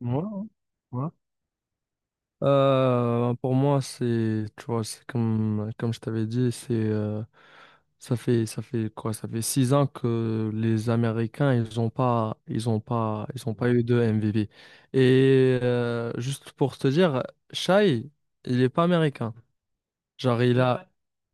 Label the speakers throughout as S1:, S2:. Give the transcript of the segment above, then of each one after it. S1: Ouais, ouais. Pour moi, c'est, tu vois, c'est comme je t'avais dit, c'est, ça fait quoi? Ça fait 6 ans que les Américains, ils ont pas eu de M V MVP. Et juste pour te dire, Shai, il est pas américain. Genre,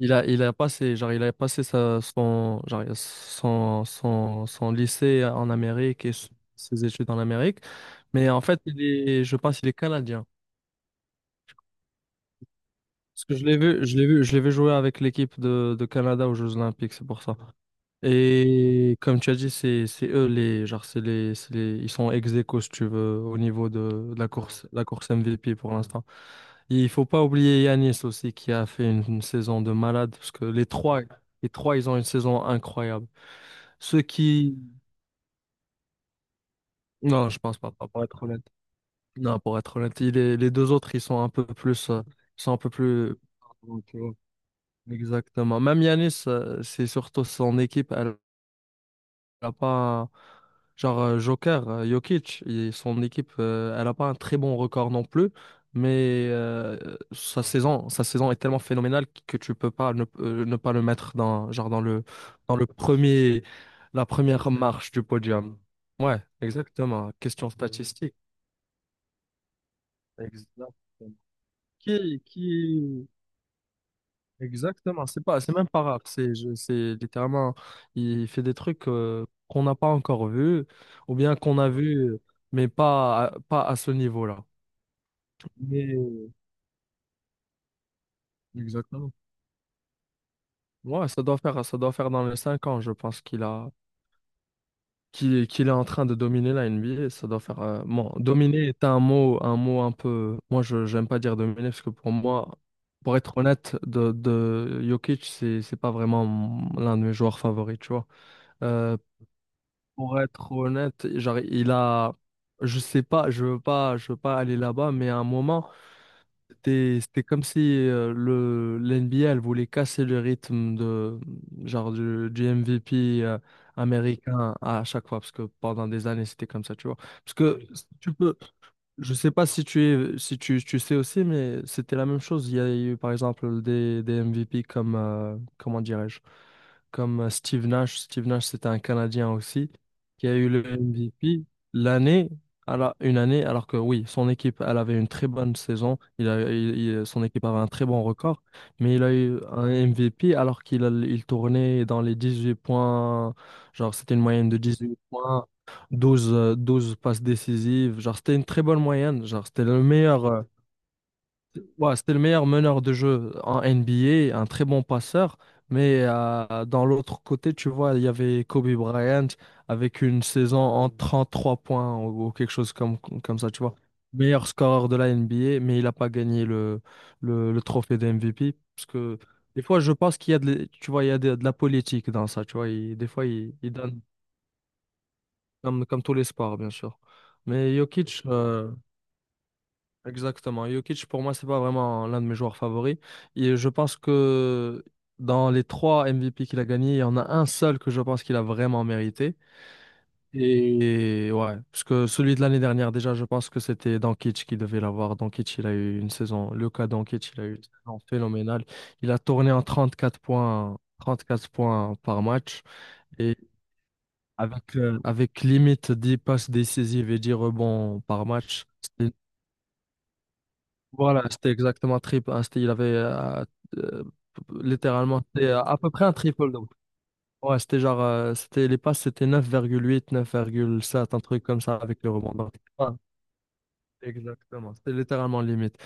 S1: ouais, il a passé, genre, il a passé sa, son, genre, son, son, son lycée en Amérique et ses études en Amérique. Mais en fait, il est, je pense, il est canadien. Parce que je l'ai vu jouer avec l'équipe de Canada aux Jeux Olympiques, c'est pour ça. Et comme tu as dit, c'est eux les, genre, ils sont ex aequo, si tu veux, au niveau de la course, la course MVP pour l'instant. Et il faut pas oublier Yanis aussi, qui a fait une saison de malade, parce que les trois, ils ont une saison incroyable. Ceux qui Non, je pense pas, pour être honnête. Non, pour être honnête, les deux autres, ils sont un peu plus ils sont un peu plus. Exactement. Même Yanis, c'est surtout son équipe, elle n'a pas un-, genre, Jokic, et son équipe, elle n'a pas un très bon record non plus, mais sa saison est tellement phénoménale que tu peux pas ne pas le mettre dans, genre, dans le premier la première marche du podium. Ouais, exactement. Question statistique. Exactement. Qui Exactement, c'est pas, c'est même pas rap, c'est, c'est littéralement, il fait des trucs, qu'on n'a pas encore vus, ou bien qu'on a vus, mais pas, pas à ce niveau-là. Mais... Exactement. Ouais, ça doit faire dans les 5 ans, je pense qu'il est en train de dominer la NBA. Ça doit faire, bon, dominer est un mot, un peu, moi je, j'aime pas dire dominer, parce que pour moi, pour être honnête, de Jokic, c'est pas vraiment l'un de mes joueurs favoris, tu vois. Euh, Pour être honnête, genre, je sais pas, je veux pas aller là-bas, mais à un moment, c'était comme si l'NBA, elle voulait casser le rythme du MVP, américain à chaque fois, parce que pendant des années, c'était comme ça, tu vois. Parce que tu peux, je sais pas si tu es, si tu, tu sais aussi, mais c'était la même chose. Il y a eu, par exemple, des MVP comme, comment dirais-je? Comme Steve Nash. Steve Nash, c'était un Canadien aussi, qui a eu le MVP l'année, une année, alors que, oui, son équipe, elle avait une très bonne saison, il a, il- il- son équipe avait un très bon record, mais il a eu un MVP alors il tournait dans les 18 points, genre c'était une moyenne de 18 points, 12 12 passes décisives, genre c'était une très bonne moyenne, genre c'était le meilleur. Ouais, c'était le meilleur meneur de jeu en NBA, un très bon passeur. Mais dans l'autre côté, tu vois, il y avait Kobe Bryant avec une saison en 33 points ou quelque chose comme ça, tu vois. Meilleur scoreur de la NBA, mais il n'a pas gagné le trophée de MVP. Parce que des fois, je pense qu'il y a de, l'- tu vois, il y a de la politique dans ça, tu vois. Des fois, il donne, comme tous les sports, bien sûr. Mais Jokic, Exactement. Jokic, pour moi, c'est pas vraiment l'un de mes joueurs favoris. Et je pense que dans les trois MVP qu'il a gagnés, il y en a un seul que je pense qu'il a vraiment mérité. Et, ouais, parce que celui de l'année dernière, déjà, je pense que c'était Doncic qui devait l'avoir. Doncic, il a eu une saison, le cas Doncic, il a eu une saison phénoménale. Il a tourné en 34 points, 34 points par match. Et avec limite 10 passes décisives et 10 rebonds par match. C'est Voilà, c'était exactement trip. Hein, c'était-, il avait euh, littéralement, c'était, à peu près un triple double. Ouais, c'était genre, les passes, c'était 9,8, 9,7, un truc comme ça, avec le rebond. Donc, ouais, exactement, c'était littéralement limite.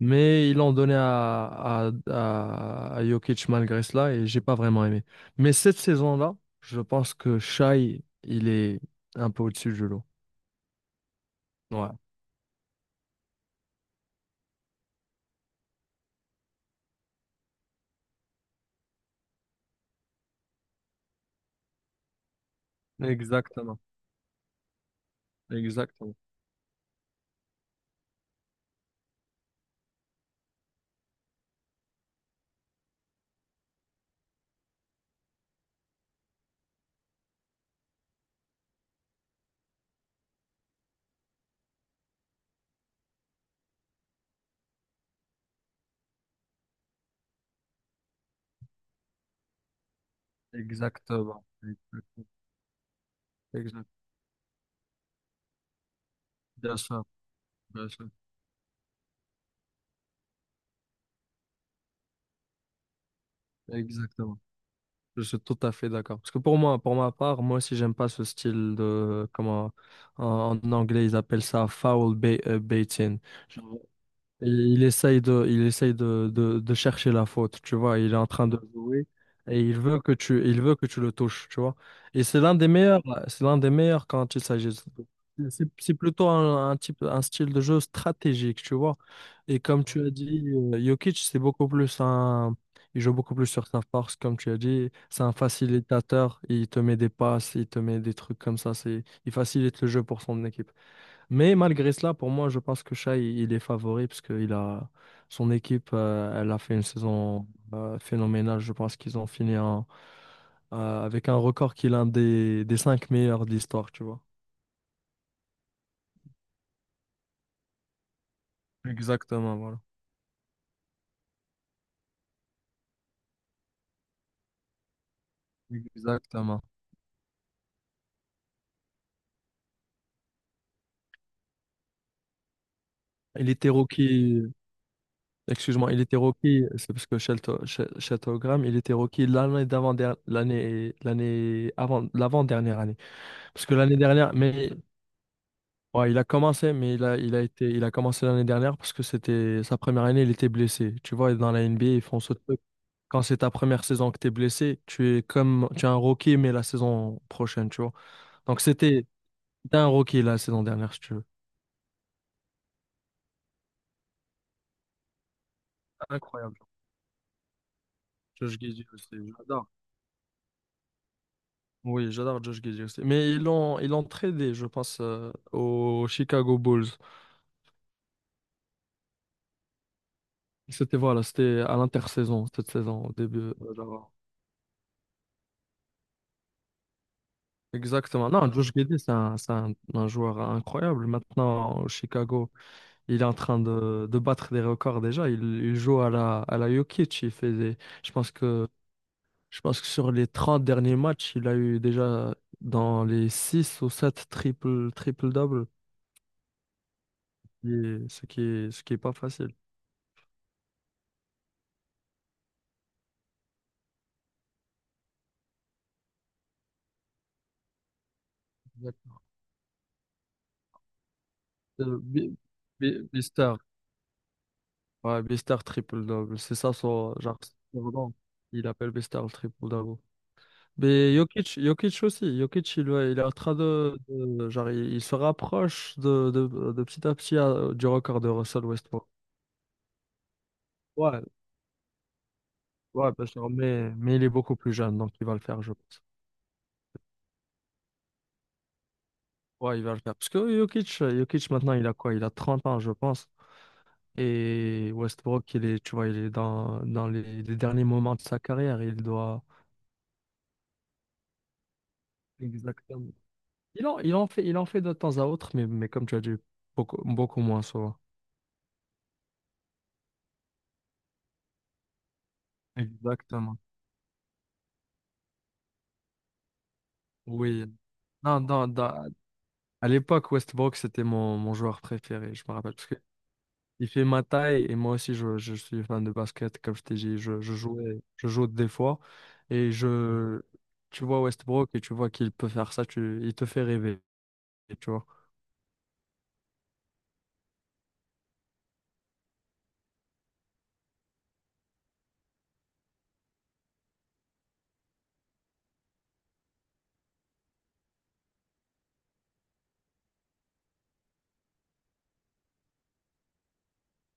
S1: Mais ils l'ont donné à Jokic malgré cela, et j'ai pas vraiment aimé. Mais cette saison-là, je pense que Shai, il est un peu au-dessus du lot. Ouais, exactement, exactement, exactement, exactement. Exact. Bien sûr. Ouais, Exactement. Je suis tout à fait d'accord. Parce que pour moi, pour ma part, moi aussi, j'aime pas ce style de, comment, en anglais, ils appellent ça foul baiting. Et il essaye de chercher la faute, tu vois. Il est en train de jouer et il veut que tu le touches, tu vois. Et c'est l'un des meilleurs, c'est l'un des meilleurs quand il s'agit. de- C'est, plutôt un, un style de jeu stratégique, tu vois. Et comme tu as dit, Jokic, c'est beaucoup plus il joue beaucoup plus sur sa force, comme tu as dit. C'est un facilitateur. Il te met des passes, il te met des trucs comme ça. Il facilite le jeu pour son équipe. Mais malgré cela, pour moi, je pense que Shai, il est favori parce que son équipe, elle a fait une saison, phénoménale. Je pense qu'ils ont fini en-, avec un record qui est l'un des 5 meilleurs de l'histoire, tu vois. Exactement, voilà. Exactement. Il était rookie, excuse-moi, il était rookie, c'est parce que Sheltogram, il était rookie l'année l'année avant l'avant-dernière année. Parce que l'année dernière, ouais, il a commencé, mais il a commencé l'année dernière parce que c'était sa première année, il était blessé. Tu vois, dans la NBA, ils font ce truc. Quand c'est ta première saison que tu es blessé, tu es un rookie, mais la saison prochaine, tu vois. Donc c'était un rookie la saison dernière, si tu veux. Incroyable. Josh Giddey aussi, j'adore. Oui, j'adore Josh Giddey aussi. Mais ils l'ont tradé, je pense, aux Chicago Bulls. C'était, voilà, c'était à l'intersaison, cette saison, au début. Exactement. Non, Josh Giddey, c'est un, un joueur incroyable. Maintenant, au Chicago, il est en train de battre des records déjà. il joue à la Jokic. Je pense que sur les 30 derniers matchs, il a eu déjà dans les 6 ou 7 triple-double. Et ce qui est pas facile. Exact. Euh, Bi- Bister, ouais, Bister triple-double. C'est ça son, genre, son nom. Il appelle Bister le triple-double. Mais Jokic, Jokic aussi. Jokic, il, ouais, il est en train il se rapproche de petit à petit du record de Russell Westbrook. Ouais, ouais, bien sûr, mais il est beaucoup plus jeune, donc il va le faire, je pense. Ouais, il va le faire. Parce que Jokic maintenant, il a quoi? Il a 30 ans, je pense. Et Westbrook, il est, tu vois, il est dans les derniers moments de sa carrière. Il doit. Exactement. Il en fait de temps à autre, mais, comme tu as dit, beaucoup, beaucoup moins souvent. Exactement. Oui. Non, à l'époque, Westbrook, c'était mon joueur préféré, je me rappelle. Parce que il fait ma taille et moi aussi, je suis fan de basket. Comme je t'ai dit, je joue des fois. Et tu vois Westbrook et tu vois qu'il peut faire ça, il te fait rêver, tu vois.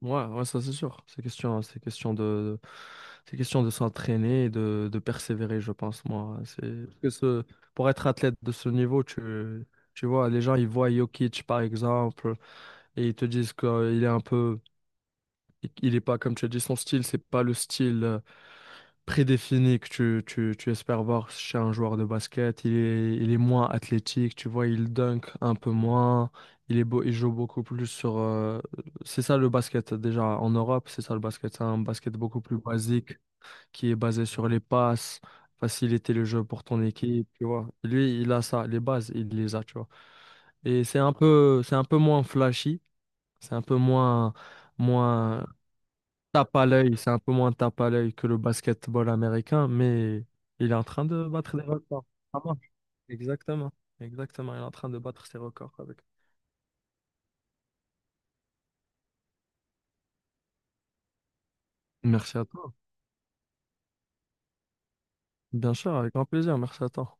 S1: Ouais, ouais, ça c'est sûr. C'est question de s'entraîner et de persévérer, je pense, moi. Parce que ce, pour être athlète de ce niveau, tu vois, les gens, ils voient Jokic, par exemple. Et ils te disent qu'il est un peu, il est pas, comme tu as dit, son style, c'est pas le style, prédéfini que tu espères voir chez un joueur de basket. Il est moins athlétique, tu vois, il dunk un peu moins, il est beau, il joue beaucoup plus sur. C'est ça le basket, déjà en Europe, c'est ça le basket, c'est un basket beaucoup plus basique qui est basé sur les passes. Faciliter le jeu pour ton équipe, tu vois. Lui, il a ça, les bases, il les a, tu vois. Et c'est un peu moins flashy, c'est un peu moins, moins c'est un peu moins tape à l'œil que le basketball américain, mais il est en train de battre des records. Ah bon. Exactement, exactement, il est en train de battre ses records avec. Merci à toi. Bien sûr, avec grand plaisir, merci à toi.